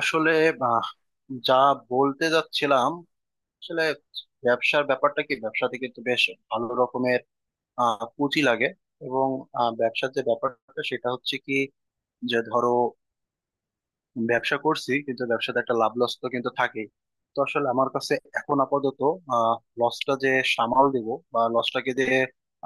আসলে আহ, যা বলতে যাচ্ছিলাম। আসলে ব্যবসার ব্যাপারটা কি, ব্যবসাতে কিন্তু বেশ ভালো রকমের পুঁজি লাগে। এবং ব্যবসার যে ব্যাপারটা সেটা হচ্ছে কি, যে ধরো ব্যবসা করছি কিন্তু ব্যবসাতে একটা লাভ লস তো কিন্তু থাকেই। তো আসলে আমার কাছে এখন আপাতত লসটা যে সামাল দেব বা লসটাকে যে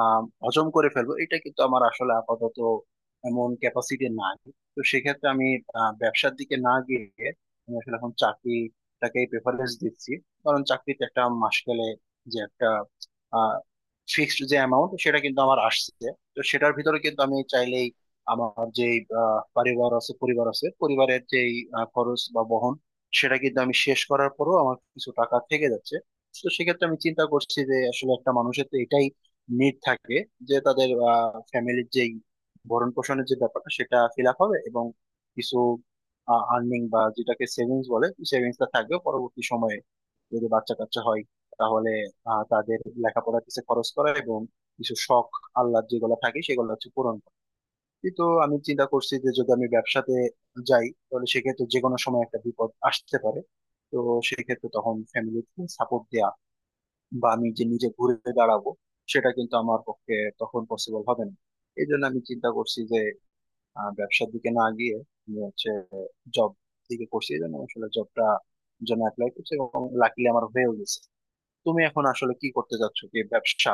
হজম করে ফেলবো, এটা কিন্তু আমার আসলে আপাতত এমন ক্যাপাসিটি নাই। তো সেক্ষেত্রে আমি ব্যবসার দিকে না গিয়ে আমি আসলে এখন চাকরিটাকেই প্রেফারেন্স দিচ্ছি। কারণ চাকরিতে একটা মাস গেলে যে একটা ফিক্সড যে অ্যামাউন্ট সেটা কিন্তু আমার আসছে। তো সেটার ভিতরে কিন্তু আমি চাইলেই আমার যে পরিবার আছে পরিবারের যে খরচ বা বহন, সেটা কিন্তু আমি শেষ করার পরও আমার কিছু টাকা থেকে যাচ্ছে। তো সেক্ষেত্রে আমি চিন্তা করছি যে আসলে একটা মানুষের তো এটাই নিড থাকে, যে তাদের ফ্যামিলির যেই ভরণ পোষণের যে ব্যাপারটা সেটা ফিল আপ হবে এবং কিছু আর্নিং বা যেটাকে সেভিংস বলে সেভিংসটা থাকবে। পরবর্তী সময়ে যদি বাচ্চা কাচ্চা হয় তাহলে তাদের লেখাপড়ার কিছু খরচ করা এবং কিছু শখ আহ্লাদ যেগুলো থাকে সেগুলো হচ্ছে পূরণ। এই তো আমি চিন্তা করছি যে যদি আমি ব্যবসাতে যাই তাহলে সেক্ষেত্রে যে কোনো সময় একটা বিপদ আসতে পারে। তো সেক্ষেত্রে তখন ফ্যামিলিকে সাপোর্ট দেয়া বা আমি যে নিজে ঘুরে দাঁড়াবো সেটা কিন্তু আমার পক্ষে তখন পসিবল হবে না। এই জন্য আমি চিন্তা করছি যে ব্যবসার দিকে না গিয়ে আমি হচ্ছে জব দিকে করছি। এই জন্য আসলে জবটা জন্য অ্যাপ্লাই করছি এবং লাকিলি আমার হয়েও গেছে। তুমি এখন আসলে কি করতে যাচ্ছ, কি ব্যবসা?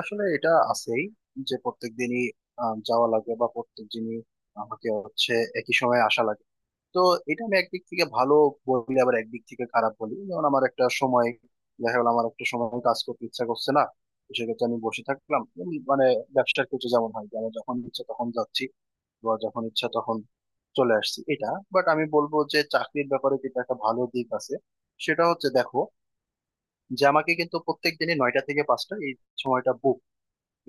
আসলে এটা আছেই যে প্রত্যেক দিনই যাওয়া লাগে, বা প্রত্যেক দিনই আমাকে হচ্ছে একই সময় আসা লাগে। তো এটা আমি একদিক থেকে ভালো বলি আবার একদিক থেকে খারাপ বলি। যেমন আমার একটা সময় দেখা গেলো আমার একটা সময় কাজ করতে ইচ্ছা করছে না, তো সেক্ষেত্রে আমি বসে থাকলাম। মানে ব্যবসার কিছু যেমন হয় যে আমি যখন ইচ্ছা তখন যাচ্ছি বা যখন ইচ্ছা তখন চলে আসছি, এটা। বাট আমি বলবো যে চাকরির ব্যাপারে কিন্তু একটা ভালো দিক আছে, সেটা হচ্ছে দেখো যে আমাকে কিন্তু প্রত্যেক দিনই নয়টা থেকে পাঁচটা এই সময়টা।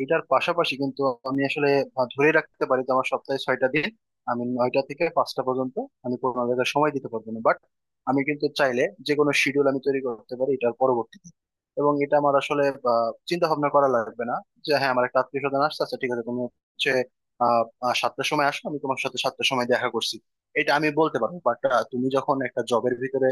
এটার পাশাপাশি কিন্তু আমি আসলে ধরে রাখতে পারি যে আমার সপ্তাহে ছয়টা দিন আমি নয়টা থেকে পাঁচটা পর্যন্ত আমি কোনো জায়গায় সময় দিতে পারবো না, বাট আমি কিন্তু চাইলে যে কোনো শিডিউল আমি তৈরি করতে পারি এটার পরবর্তীতে। এবং এটা আমার আসলে চিন্তা ভাবনা করা লাগবে না। যে হ্যাঁ আমার একটা আত্মীয় স্বজন আসছে, আচ্ছা ঠিক আছে তুমি হচ্ছে আহ আহ, সাতটার সময় আসো, আমি তোমার সাথে সাতটার সময় দেখা করছি, এটা আমি বলতে পারবো। বাট তুমি যখন একটা জবের ভিতরে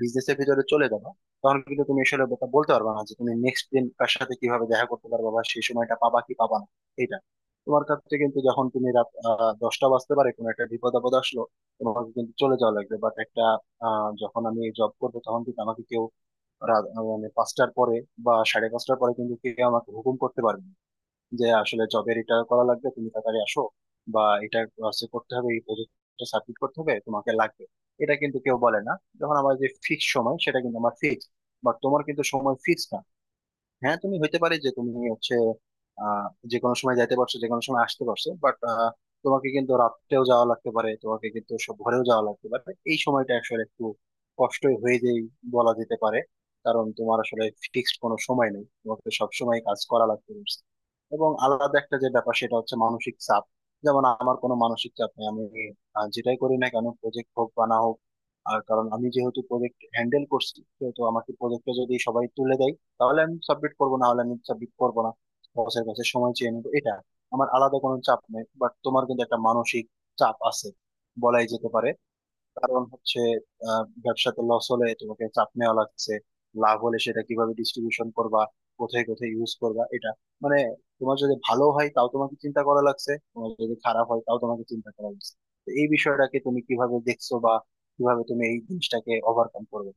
বিজনেসের ভিতরে চলে যাবা, তখন কিন্তু তুমি আসলে বলতে বলতে পারবে না যে তুমি নেক্সট দিন কার সাথে কিভাবে দেখা করতে পারবা বা সেই সময়টা পাবা কি পাবা না। এটা তোমার কাছে কিন্তু যখন তুমি রাত দশটা বাজতে পারে কোনো একটা বিপদ আপদ আসলো, তোমাকে কিন্তু চলে যাওয়া লাগবে। বাট একটা যখন আমি জব করবো তখন কিন্তু আমাকে কেউ রাত মানে পাঁচটার পরে বা সাড়ে পাঁচটার পরে কিন্তু কেউ আমাকে হুকুম করতে পারবে না। যে আসলে জবের এটা করা লাগবে তুমি তাড়াতাড়ি আসো, বা এটা হচ্ছে করতে হবে এই প্রজেক্টটা সাবমিট করতে হবে তোমাকে লাগবে, এটা কিন্তু কেউ বলে না। যখন আমার যে ফিক্স সময় সেটা কিন্তু আমার ফিক্স, বাট তোমার কিন্তু সময় ফিক্স না। হ্যাঁ তুমি হইতে পারে যে তুমি হচ্ছে আহ যে কোনো সময় যাইতে পারছো যে কোনো সময় আসতে পারছো, বাট তোমাকে কিন্তু রাত্রেও যাওয়া লাগতে পারে, তোমাকে কিন্তু সব ভোরেও যাওয়া লাগতে পারে। এই সময়টা আসলে একটু কষ্টই হয়ে যেই, বলা যেতে পারে। কারণ তোমার আসলে ফিক্সড কোনো সময় নেই, তোমাকে সব সময় কাজ করা লাগতে পারছে। এবং আলাদা একটা যে ব্যাপার সেটা হচ্ছে মানসিক চাপ। যেমন আমার কোনো মানসিক চাপ নেই। আমি যেটাই করি না কেন প্রজেক্ট হোক বা না হোক। আর কারণ আমি যেহেতু প্রজেক্ট হ্যান্ডেল করছি, তো আমাকে প্রজেক্টটা যদি সবাই তুলে দেয় তাহলে আমি সাবমিট করবো, না হলে আমি সাবমিট করবো না। বসের কাছে সময় চেয়ে নেবো, এটা আমার আলাদা কোনো চাপ নেই। বাট তোমার কিন্তু একটা মানসিক চাপ আছে, বলাই যেতে পারে। কারণ হচ্ছে ব্যবসাতে লস হলে তোমাকে চাপ নেওয়া লাগছে, লাভ হলে সেটা কিভাবে ডিস্ট্রিবিউশন করবা, কোথায় কোথায় ইউজ করবা, এটা মানে তোমার যদি ভালো হয় তাও তোমাকে চিন্তা করা লাগছে, তোমার যদি খারাপ হয় তাও তোমাকে চিন্তা করা লাগছে। তো এই বিষয়টাকে তুমি কিভাবে দেখছো বা কিভাবে তুমি এই জিনিসটাকে ওভারকাম করবে?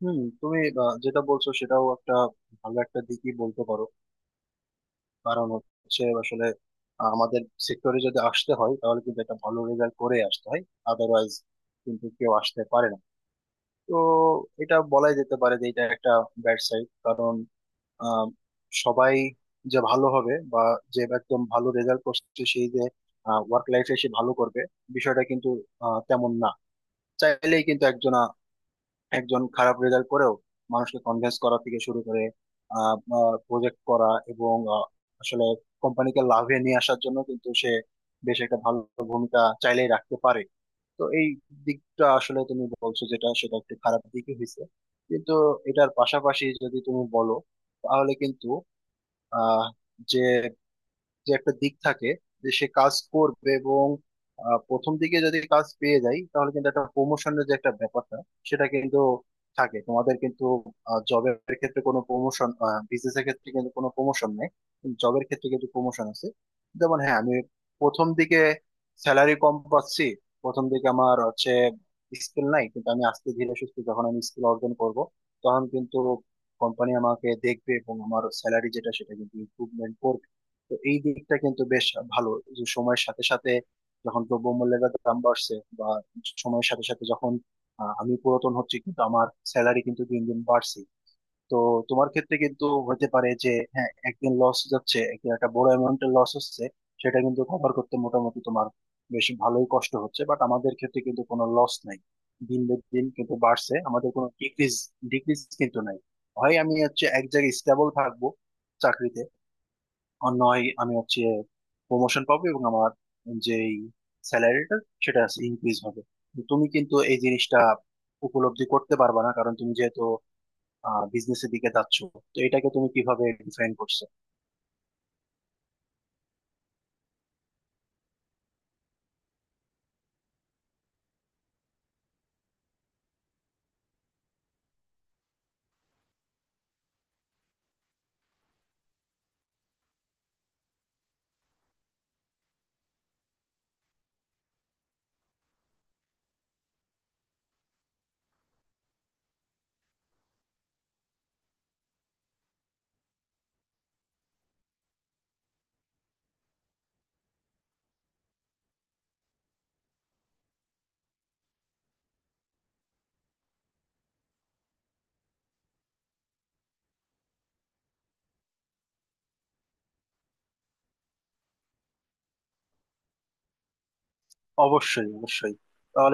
হুম, তুমি যেটা বলছো সেটাও একটা ভালো একটা দিকই বলতে পারো। কারণ হচ্ছে আসলে আমাদের সেক্টরে যদি আসতে হয় তাহলে কিন্তু একটা ভালো রেজাল্ট করে আসতে হয়, আদারওয়াইজ কিন্তু কেউ আসতে পারে না। তো এটা বলাই যেতে পারে যে এটা একটা ব্যাড সাইড। কারণ আহ, সবাই যে ভালো হবে বা যে একদম ভালো রেজাল্ট করছে সেই যে ওয়ার্ক লাইফে সে ভালো করবে, বিষয়টা কিন্তু তেমন না। চাইলেই কিন্তু একজন একজন খারাপ রেজাল্ট করেও মানুষকে কনভিন্স করা থেকে শুরু করে প্রজেক্ট করা এবং আসলে কোম্পানিকে লাভে নিয়ে আসার জন্য কিন্তু সে বেশ একটা ভালো ভূমিকা চাইলেই রাখতে পারে। তো এই দিকটা আসলে তুমি বলছো যেটা সেটা একটু খারাপ দিকই হয়েছে। কিন্তু এটার পাশাপাশি যদি তুমি বলো তাহলে কিন্তু আহ যে যে একটা দিক থাকে যে সে কাজ করবে এবং প্রথম দিকে যদি কাজ পেয়ে যায় তাহলে কিন্তু একটা প্রমোশনের যে একটা ব্যাপারটা সেটা কিন্তু থাকে। তোমাদের কিন্তু জবের ক্ষেত্রে কোনো প্রমোশন, বিজনেসের ক্ষেত্রে কিন্তু কোনো প্রমোশন নেই, জবের ক্ষেত্রে কিন্তু প্রমোশন আছে। যেমন হ্যাঁ আমি প্রথম দিকে স্যালারি কম পাচ্ছি, প্রথম দিকে আমার হচ্ছে স্কিল নাই, কিন্তু আমি আস্তে ধীরে সুস্থে যখন আমি স্কিল অর্জন করব তখন কিন্তু কোম্পানি আমাকে দেখবে এবং আমার স্যালারি যেটা সেটা কিন্তু ইমপ্রুভমেন্ট করবে। তো এই দিকটা কিন্তু বেশ ভালো, যে সময়ের সাথে সাথে যখন দ্রব্যমূল্যের দাম বাড়ছে বা সময়ের সাথে সাথে যখন আমি পুরাতন হচ্ছি কিন্তু আমার স্যালারি কিন্তু দিন দিন বাড়ছে। তো তোমার ক্ষেত্রে কিন্তু হতে পারে যে হ্যাঁ একদিন লস যাচ্ছে, একদিন একটা বড় অ্যামাউন্টের লস হচ্ছে, সেটা কিন্তু কভার করতে মোটামুটি তোমার বেশ ভালোই কষ্ট হচ্ছে। বাট আমাদের ক্ষেত্রে কিন্তু কোনো লস নাই, দিন বে দিন কিন্তু বাড়ছে, আমাদের কোনো ডিক্রিজ ডিক্রিজ কিন্তু নাই। হয় আমি হচ্ছে এক জায়গায় স্টেবল থাকবো চাকরিতে, আর নয় আমি হচ্ছে প্রমোশন পাবো এবং আমার যেই স্যালারিটা সেটা ইনক্রিজ হবে। তুমি কিন্তু এই জিনিসটা উপলব্ধি করতে পারবা না কারণ তুমি যেহেতু বিজনেসের দিকে যাচ্ছ, তো এটাকে তুমি কিভাবে ডিফাইন করছো? অবশ্যই, অবশ্যই। তাহলে